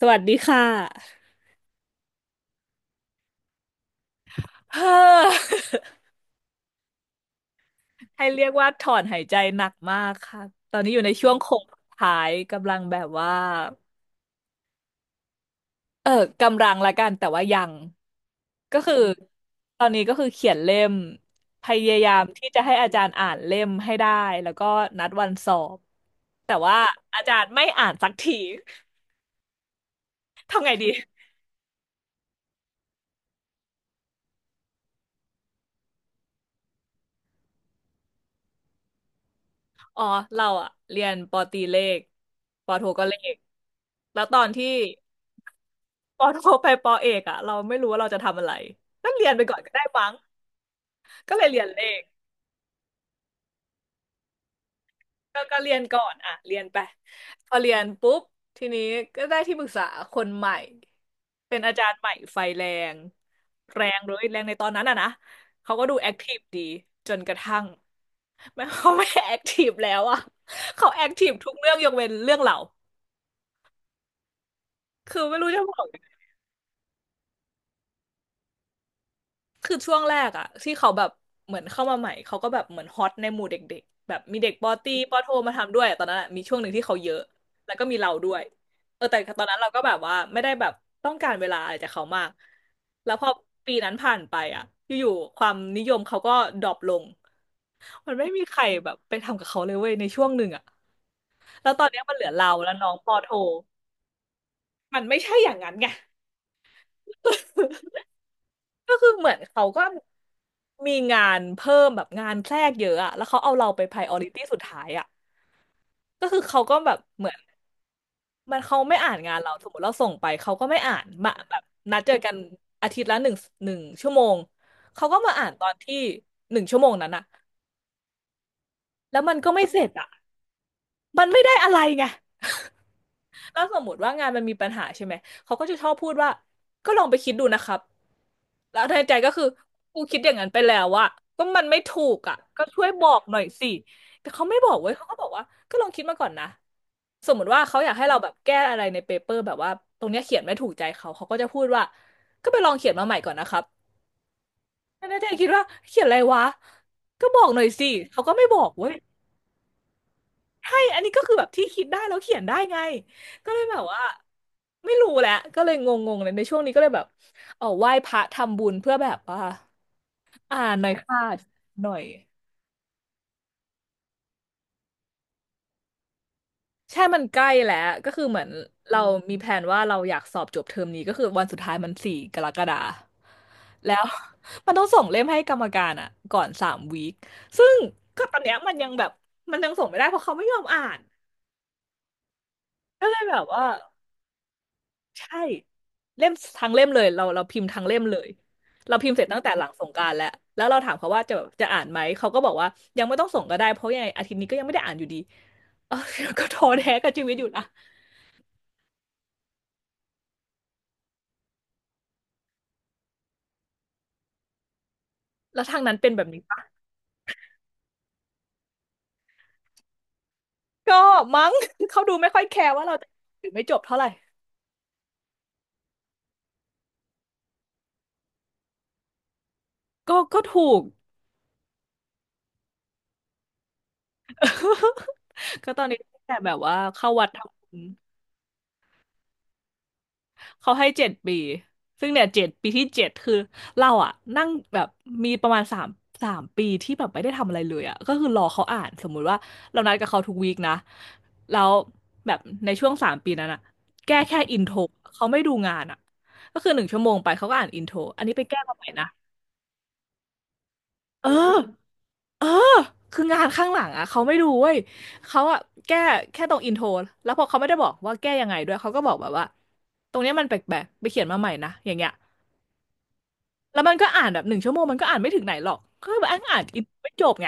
สวัสดีค่ะเฮ้อ ให้เรียกว่าถอนหายใจหนักมากค่ะตอนนี้อยู่ในช่วงโค้งสุดท้ายกำลังแบบว่าเออกำลังละกันแต่ว่ายังก็คือตอนนี้ก็คือเขียนเล่มพยายามที่จะให้อาจารย์อ่านเล่มให้ได้แล้วก็นัดวันสอบแต่ว่าอาจารย์ไม่อ่านสักที ทำไงดีอ๋อเราอะเรียนปอตรีเลขปอโทก็เลขแล้วตอนที่ ปอโทไปปอเอกอะเราไม่รู้ว่าเราจะทำอะไรก็เรียนไปก่อนก็ได้มั้งก็เลยเรียนเลขก็เรียนก่อนอะเรียนไปพอเรียนปุ๊บทีนี้ก็ได้ที่ปรึกษาคนใหม่เป็นอาจารย์ใหม่ไฟแรงแรงเลยแรงในตอนนั้นอะนะเขาก็ดูแอคทีฟดีจนกระทั่ง ไม่เขาไม่แอคทีฟแล้วอะเขาแอคทีฟทุกเรื่องยกเว้นเรื่องเราคือไม่รู้จะบอก คือช่วงแรกอะที่เขาแบบเหมือนเข้ามาใหม่เขาก็แบบเหมือนฮอตในหมู่เด็กๆแบบมีเด็กปอตีปอโทมาทำด้วยตอนนั้นอะมีช่วงหนึ่งที่เขาเยอะแล้วก็มีเราด้วยเออแต่ตอนนั้นเราก็แบบว่าไม่ได้แบบต้องการเวลาอะไรจากเขามากแล้วพอปีนั้นผ่านไปอะอยู่ๆความนิยมเขาก็ดรอปลงมันไม่มีใครแบบไปทำกับเขาเลยเว้ยในช่วงหนึ่งอะแล้วตอนเนี้ยมันเหลือเราแล้วน้องปอโทมันไม่ใช่อย่างนั้นไง ก็คือเหมือนเขาก็มีงานเพิ่มแบบงานแทรกเยอะอะแล้วเขาเอาเราไป priority สุดท้ายอะก็คือเขาก็แบบเหมือนมันเขาไม่อ่านงานเราสมมติเราส่งไปเขาก็ไม่อ่านมาแบบนัดเจอกันอาทิตย์ละหนึ่งหนึ่งชั่วโมงเขาก็มาอ่านตอนที่หนึ่งชั่วโมงนั้นอะแล้วมันก็ไม่เสร็จอะมันไม่ได้อะไรไง ถ้าสมมติว่างานมันมีปัญหาใช่ไหมเขาก็จะชอบพูดว่าก็ลองไปคิดดูนะครับแล้วในใจก็คือกูคิดอย่างนั้นไปแล้วอะก็มันไม่ถูกอะก็ช่วยบอกหน่อยสิแต่เขาไม่บอกเว้ยเขาก็บอกว่าก็ลองคิดมาก่อนนะสมมติว่าเขาอยากให้เราแบบแก้อะไรในเปเปอร์แบบว่าตรงเนี้ยเขียนไม่ถูกใจเขาเขาก็จะพูดว่าก็ไปลองเขียนมาใหม่ก่อนนะครับในใจคิดว่าเขียนอะไรวะก็บอกหน่อยสิเขาก็ไม่บอกเว้ยใช่อันนี้ก็คือแบบที่คิดได้แล้วเขียนได้ไงก็เลยแบบว่า ไม่รู้แหละก็เลยงงๆเลยในช่วงนี้ก็เลยแบบเออไหว้พระทำบุญเพื่อแบบว่าอ่านหน่อยค่ะหน่อยใช่มันใกล้แล้วก็คือเหมือนเรามมีแผนว่าเราอยากสอบจบเทอมนี้ก็คือวันสุดท้ายมัน4 กรกฎาแล้ว มันต้องส่งเล่มให้กรรมการอ่ะก่อน3 วีคซึ่งก็ตอนเนี้ยมันยังแบบมันยังส่งไม่ได้เพราะเขาไม่ยอมอ่านก็เลยแบบว่า ใช่เล่มทั้งเล่มเลยเราพิมพ์ทั้งเล่มเลยเราพิมพ์เสร็จตั้งแต่หลังสงกรานต์แล้วแล้วเราถามเขาว่าจะอ่านไหมเขาก็บอกว่ายังไม่ต้องส่งก็ได้เพราะยังไงอาทิตย์นี้ก็ยังไม่ได้อ่านอยู่ดีเออก็ท้อแท้กับชีวิตอยู่นะแล้วทางนั้นเป็นแบบนี้ปะก็มั้ง เขาดูไม่ค่อยแคร์ว่าเราจะหรือไม่จบเท่าไหร่ก็ถูก ก็ตอนนี้แต่แบบว่าเข้าวัดทำบุญ เขาให้7 ปี ซึ่งเนี่ย7 ปีที่เจ็ดคือเราอะนั่งแบบมีประมาณสามปีที่แบบไม่ได้ทำอะไรเลยอะก็คือรอเขาอ่านสมมุติว่าเรานัดกับเขาทุกวีคนะแล้วแบบในช่วงสามปีนั้นอะแก้แค่อินโทรเขาไม่ดูงานอะก็คือหนึ่งชั่วโมงไปเขาก็อ่านอินโทรอันนี้ไปแก้มาใหม่นะเออเออคืองานข้างหลังอะเขาไม่ดูเว้ยเขาอะแก้แค่ตรงอินโทรแล้วพอเขาไม่ได้บอกว่าแก้ยังไงด้วยเขาก็บอกแบบว่าตรงเนี้ยมันแปลกๆไปเขียนมาใหม่นะอย่างเงี้ย แล้วมันก็อ่านแบบหนึ่งชั่วโมงมันก็อ่านไม่ถึงไหนหรอกก็แบบอ่านอินไม่จบไง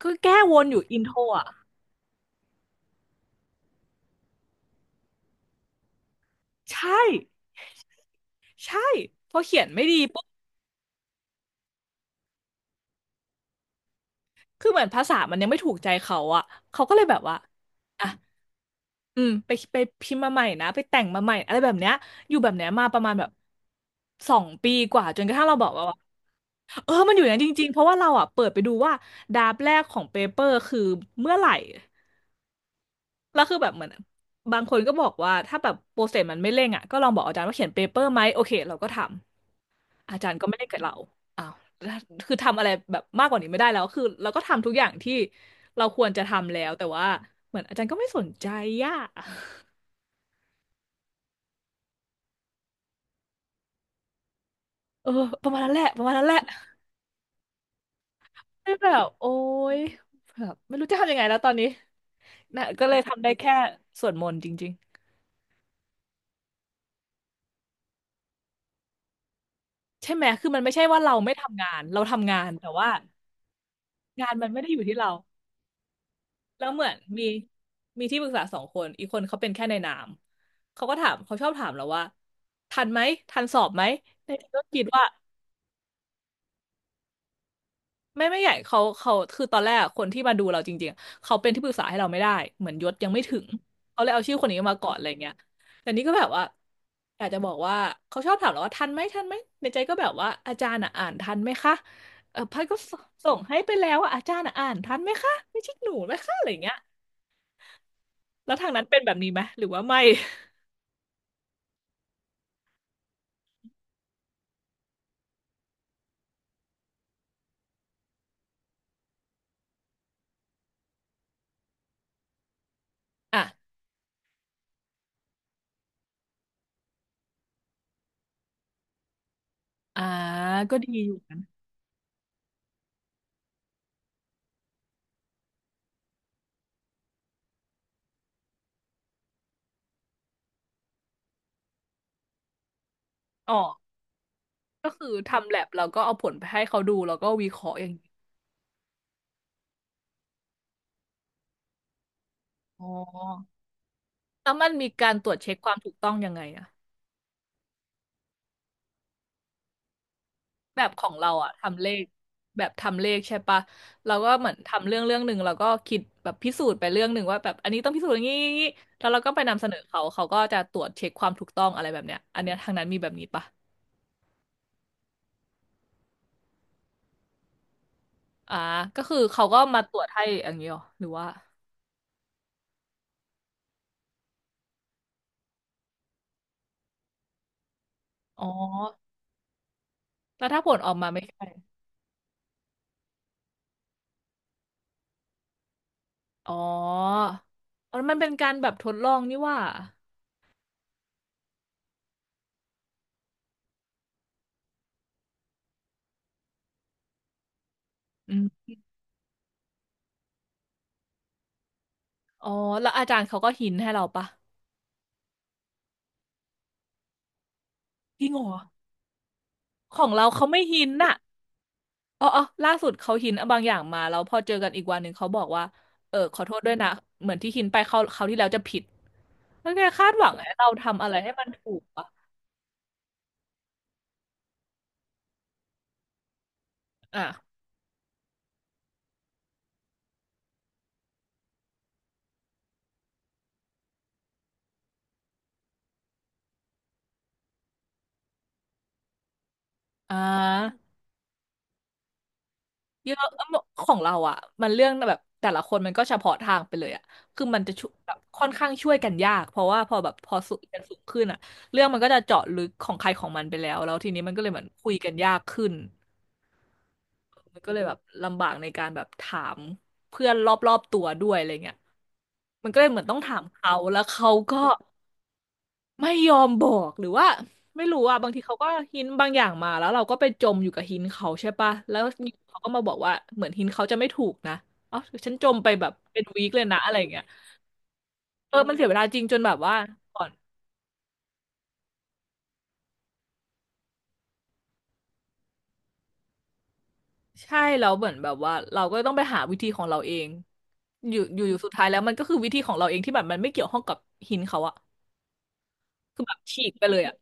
คือแก้วนอยู่อินโทรอ่ะใช่ ใช่พอเขียนไม่ดีปุ๊บคือเหมือนภาษามันยังไม่ถูกใจเขาอ่ะเขาก็เลยแบบว่าอ่ะอืมไปพิมพ์มาใหม่นะไปแต่งมาใหม่อะไรแบบเนี้ยอยู่แบบเนี้ยมาประมาณแบบ2 ปีกว่าจนกระทั่งเราบอกว่าเออ มันอยู่อย่างนั้นจริงๆ เพราะว่าเราอ่ะเปิดไปดูว่าดาบแรกของเปเปอร์คือเมื่อไหร่ แล้วคือแบบเหมือนบางคนก็บอกว่าถ้าแบบโปรเซสมันไม่เร่งอ่ะก็ลองบอกอาจารย์ว่าเขียนเปเปอร์ไหมโอเคเราก็ทำอาจารย์ก็ไม่ได้เกิดเราอ้าวแล้วคือทำอะไรแบบมากกว่านี้ไม่ได้แล้วคือเราก็ทำทุกอย่างที่เราควรจะทำแล้วแต่ว่าเหมือนอาจารย์ก็ไม่สนใจอ่ะเออประมาณนั้นแหละประมาณนั้นแหละไม่แบบโอ๊ยแบบไม่รู้จะทำยังไงแล้วตอนนี้นะก็เลยทำได้แค่สวดมนต์จริงๆใช่ไหมคือมันไม่ใช่ว่าเราไม่ทำงานเราทำงานแต่ว่างานมันไม่ได้อยู่ที่เรา แล้วเหมือนมีที่ปรึกษาสองคนอีกคนเขาเป็นแค่ในนามเขาก็ถามเขาชอบถามเราว่าทันไหมทันสอบไหมในทีก็คิดว่าไม่ใหญ่เขาคือตอนแรกอะคนที่มาดูเราจริงๆอะเขาเป็นที่ปรึกษาให้เราไม่ได้เหมือนยศยังไม่ถึงเขาเลยเอาชื่อคนนี้มาก่อนอะไรเงี้ยแต่นี่ก็แบบว่าอยากจะบอกว่าเขาชอบถามเราว่าทันไหมทันไหมในใจก็แบบว่าอาจารย์อ่ะอ่านทันไหมคะเออพัดก็สส่งให้ไปแล้วอ่ะอาจารย์อ่ะอ่านทันไหมคะไม่ใช่หนูไหมคะอะไรเงี้ยแล้วทางนั้นเป็นแบบนี้ไหมหรือว่าไม่ อ่ะอ่าก็ดีอยู่นะอ๋อก็คือทำแลบแล้วก็เอาผลไปให้เขาดูแล้วก็วิเคราะห์อย่างนี้อ๋อแล้วมันมีการตรวจเช็คความถูกต้องยังไงอะแบบของเราอะทำเลขแบบทำเลขใช่ปะเราก็เหมือนทำเรื่องหนึ่งแล้วก็คิดแบบพิสูจน์ไปเรื่องหนึ่งว่าแบบอันนี้ต้องพิสูจน์อย่างนี้อย่างนี้แล้วเราก็ไปนำเสนอเขาก็จะตรวจเช็คความถูกต้องอะไรแบบเนี้ยอันเนี้ยทางนั้นมีแบบนี้ปะอ่าก็คือเขาก็มาตรวจให้อย่างนี้หรอหรือว่าอ๋อแล้วถ้าผลออกมาไม่ใช่ อ๋ออ๋อมันเป็นการแบบทดลองนี่ว่าอืมอ๋อแล้วอาจารย์เขาก็หินให้เราปะจริงเหรอของเราเขาไม่หินน่ะอ๋ออ๋อล่าสุดเขาหินบางอย่างมาแล้วพอเจอกันอีกวันหนึ่งเขาบอกว่า เออขอโทษด้วยนะ เหมือนที่หินไปเขาวที่แล้วจะผิดแล้วแกคาดหวังให้เราทำอะไรให้มันถูกปะอ่ะอ่า เยอะของเราอ่ะมันเรื่องแบบแต่ละคนมันก็เฉพาะทางไปเลยอ่ะคือมันจะช่วยแบบค่อนข้างช่วยกันยากเพราะว่าพอแบบพอสูงกันสูงขึ้นอ่ะเรื่องมันก็จะเจาะลึกของใครของมันไปแล้วแล้วทีนี้มันก็เลยเหมือนคุยกันยากขึ้นมันก็เลยแบบลำบากในการแบบถามเพื่อนรอบๆตัวด้วยอะไรเงี้ยมันก็เลยเหมือนต้องถามเขาแล้วเขาก็ ไม่ยอมบอกหรือว่าไม่รู้อ่ะบางทีเขาก็หินบางอย่างมาแล้วเราก็ไปจมอยู่กับหินเขาใช่ปะแล้วอยู่เขาก็มาบอกว่าเหมือนหินเขาจะไม่ถูกนะเอ๋อฉันจมไปแบบเป็นวีคเลยนะอะไรอย่างเงี้ยเออมันเสียเวลาจริงจนแบบว่าก่อนใช่แล้วเหมือนแบบว่าเราก็ต้องไปหาวิธีของเราเองอยู่สุดท้ายแล้วมันก็คือวิธีของเราเองที่แบบมันไม่เกี่ยวข้องกับหินเขาอะคือแบบฉีกไปเลยอะ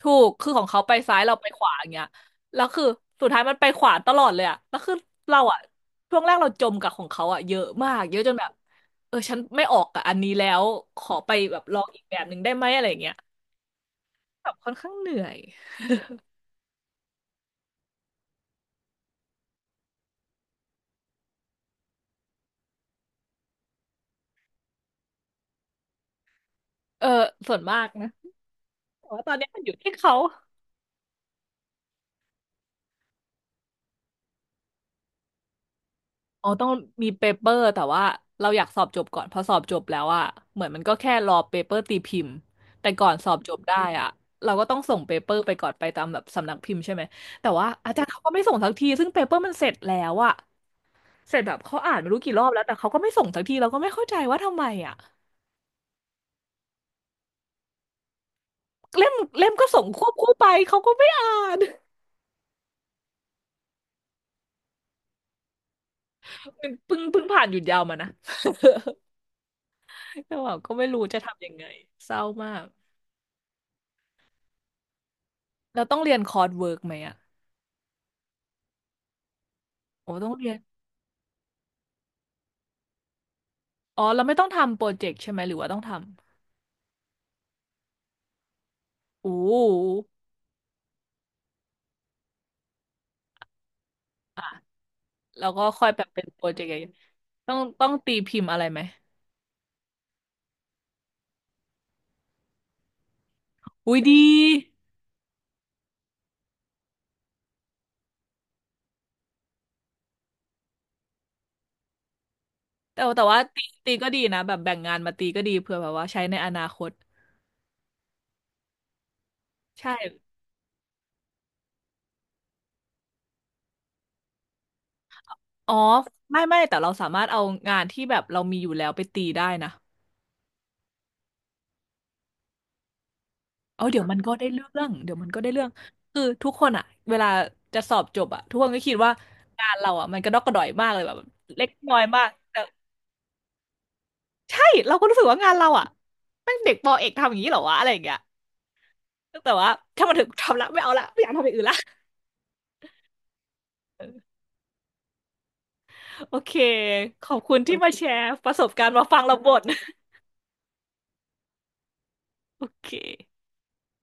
ถูกคือของเขาไปซ้ายเราไปขวาอย่างเงี้ยแล้วคือสุดท้ายมันไปขวาตลอดเลยอะแล้วคือเราอะช่วงแรกเราจมกับของเขาอะเยอะมากเยอะจนแบบเออฉันไม่ออกกับอันนี้แล้วขอไปแบบลองอีกแบบหนึ่งได้ไหมอะไรอย่างเงี้ยแบบค่อนข้างเหนื่อยเออส่วนมากนะแต่ว่าตอนเนี้ยมันอยู่ที่เขา อ๋อต้องมีเปเปอร์แต่ว่าเราอยากสอบจบก่อนพอสอบจบแล้วอะเหมือนมันก็แค่รอเปเปอร์ตีพิมพ์แต่ก่อนสอบจบได้อะเราก็ต้องส่งเปเปอร์ไปก่อนไปตามแบบสำนักพิมพ์ใช่ไหมแต่ว่าอาจารย์เขาก็ไม่ส่งสักทีซึ่งเปเปอร์มันเสร็จแล้วอะเสร็จแบบเขาอ่านไม่รู้กี่รอบแล้วแต่เขาก็ไม่ส่งสักทีเราก็ไม่เข้าใจว่าทำไมอะเล่มก็ส่งควบคู่ไปเขาก็ไม่อ่าน เพิ่งเพิ่งผ่านหยุดยาวมานะ แต่ว่าก็ไม่รู้จะทำยังไงเศร้ามากเราต้องเรียนคอร์สเวิร์กไหมอะโอ้ต้องเรียน อ๋อเราไม่ต้องทำโปรเจกต์ใช่ไหมหรือว่าต้องทำอู้แล้วก็ค่อยแบบเป็นโปรเจกต์ใหญ่างนี้ต้องตีพิมพ์อะไรไหมอุ้ยดีแต่ว่าตีก็ดีนะแบบแบ่งงานมาตีก็ดีเผื่อแบบว่าใช้ในอนาคตใช่อ๋อไม่แต่เราสามารถเอางานที่แบบเรามีอยู่แล้วไปตีได้นะเอาเดี๋ยวมันก็ได้เรื่องเดี๋ยวมันก็ได้เรื่องคือทุกคนอะเวลาจะสอบจบอะทุกคนก็คิดว่างานเราอะมันกระดอกกระดอยมากเลยแบบเล็กน้อยมากแต่ ใช่เราก็รู้สึกว่างานเราอ่ะแม่งเด็กปอเอกทำอย่างนี้เหรอวะอะไรอย่างเงี้ยแต่ว่าถ้ามันถึงทำละไม่เอาละไม่อยากทำอย่างอื่นละโอเคขอบคุณที่มาแชร์ประสบการณ์มาฟังเราบ่นโอเค